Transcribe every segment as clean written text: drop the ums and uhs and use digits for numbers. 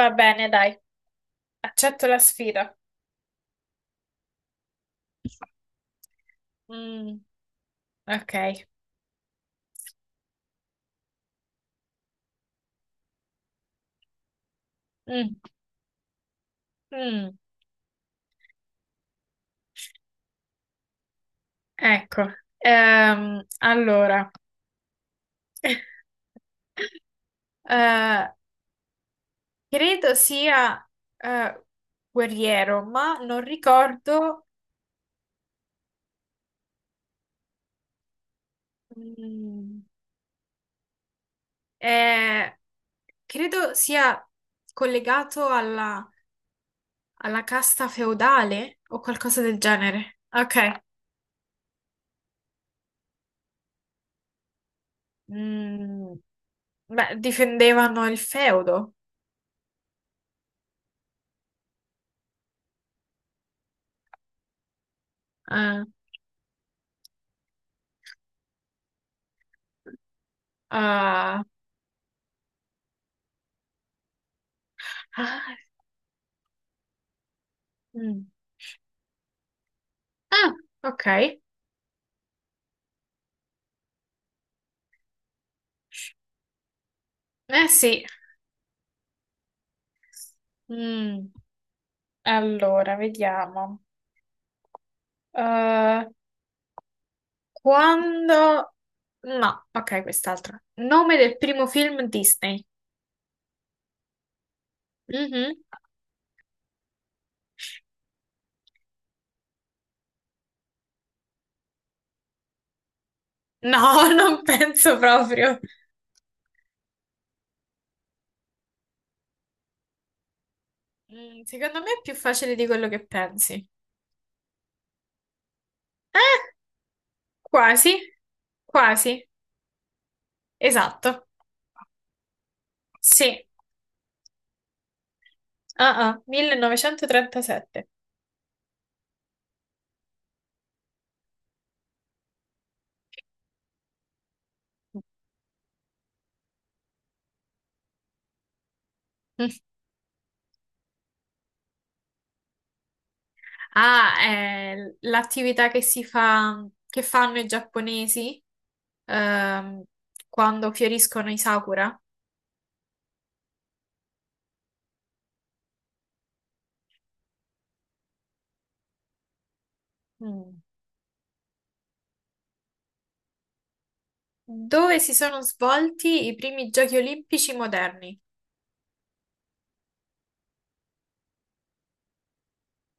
Va bene, dai, accetto la sfida. Mm, ok. Mm, mm. Ecco, allora, eh, credo sia eh, guerriero, ma non ricordo. Mm, eh, credo sia collegato alla casta feudale o qualcosa del genere. Ok, mm, beh, difendevano il feudo. Ah, ah, ah. Mm. Ah, ok. Eh sì. Mm. Allora, vediamo. Eh, quando... No, ok, quest'altra. Nome del primo film Disney. Mhm. No, non penso proprio. Mm, secondo me è più facile di quello che pensi. Eh, quasi. Quasi. Esatto. Sì. Ah, ah, 1937. Ah, è l'attività che si fa, che fanno i giapponesi ehm, quando fioriscono i sakura. Mm. Dove si sono svolti i primi giochi olimpici moderni?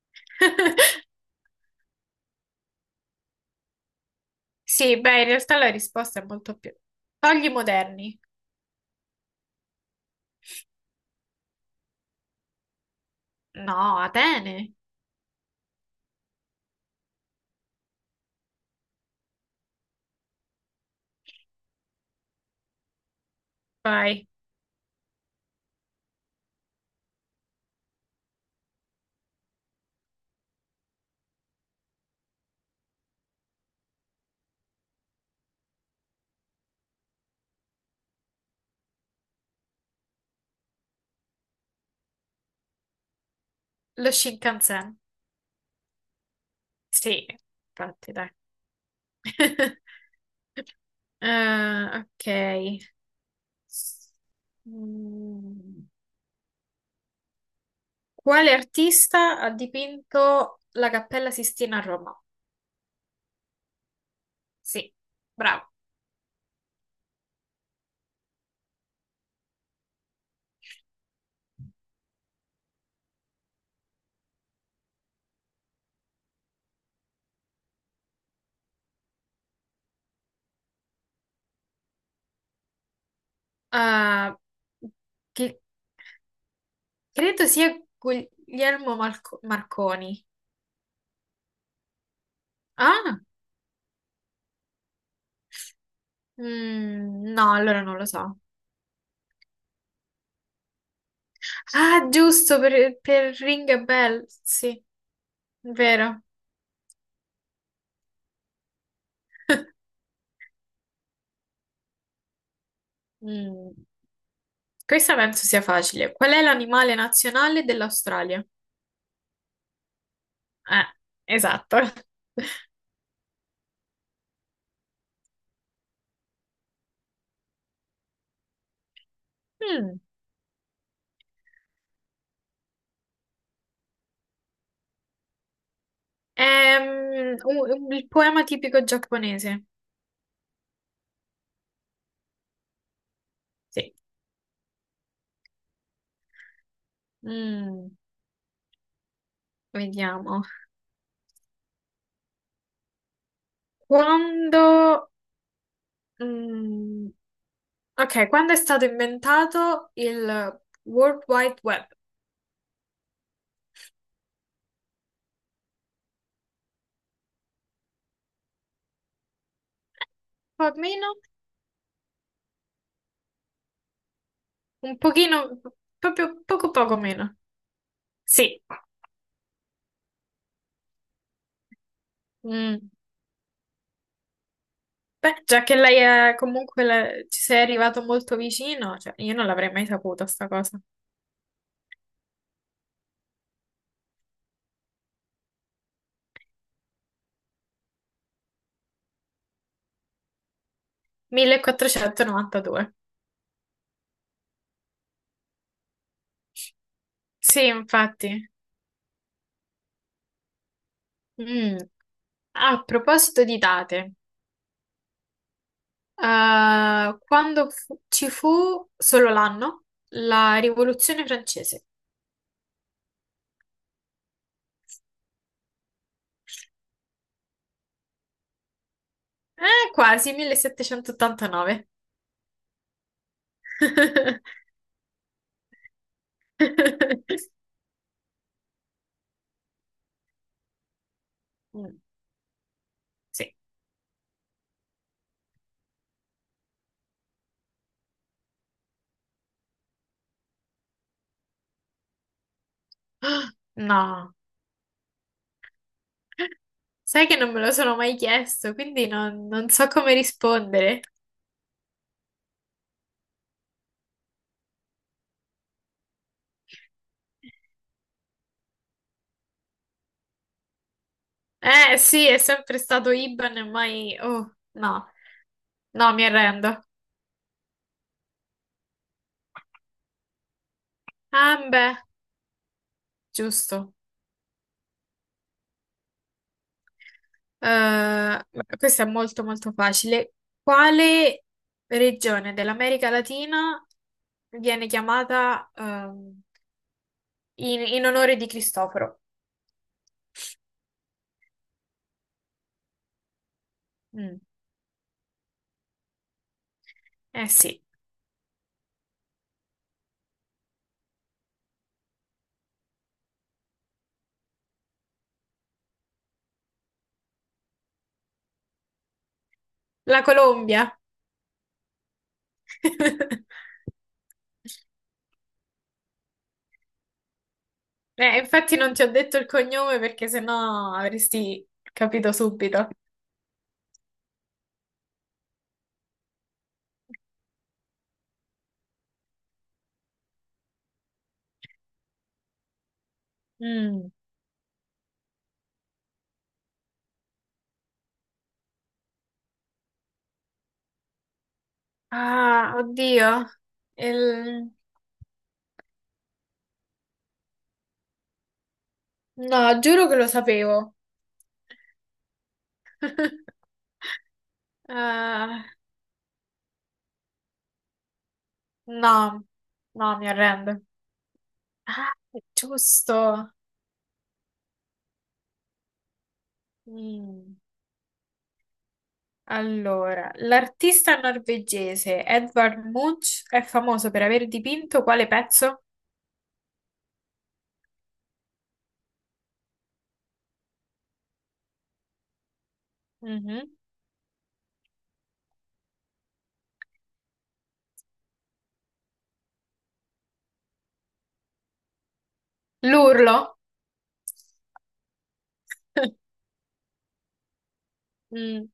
Sì, beh, in realtà la risposta è molto più... Togli moderni? No, Atene. Vai, lo Shinkansen. Sì, infatti, dai. Ok. Mm. Quale artista ha dipinto la Cappella Sistina a Roma? Sì, bravo. Ah, che credo sia Guglielmo Marco- Marconi. Ah, mm, no, allora non lo so. Ah, giusto, per Ring a Bell, sì, vero. Mm, questa penso sia facile. Qual è l'animale nazionale dell'Australia? Eh, esatto. Mm, è il poema tipico giapponese. Sì. Mm, vediamo. Quando... mm, ok, quando è stato inventato il World Wide Web? Un po' meno, un pochino, proprio poco poco meno. Sì. Mm. Beh, già che lei è comunque ci sei arrivato molto vicino, cioè io non l'avrei mai saputo sta cosa. 1492. Sì, infatti. Mm. A proposito di date. Ci fu solo l'anno, la Rivoluzione francese. Quasi 1789. Mm, sì. No, sai che non me lo sono mai chiesto, quindi non so come rispondere. Sì, è sempre stato IBAN e mai... Oh, no, no, mi arrendo. Ah, beh, giusto. Eh, questa è molto molto facile. Quale regione dell'America Latina viene chiamata in onore di Cristoforo? Mm, eh sì, la Colombia. Infatti non ti ho detto il cognome perché sennò avresti capito subito. Mm. Ah, oddio. Il- No, giuro che lo sapevo. Ah. No, no, mi arrendo. Ah, è giusto. Mm. Allora, l'artista norvegese Edvard Munch è famoso per aver dipinto quale pezzo? Mhm. L'urlo? Mm.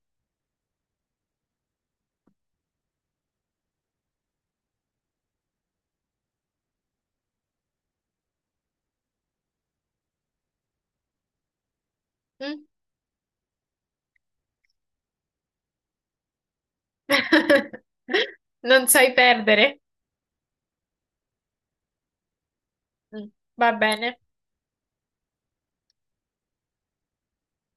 Mm. Non sai perdere? Mm. Va bene.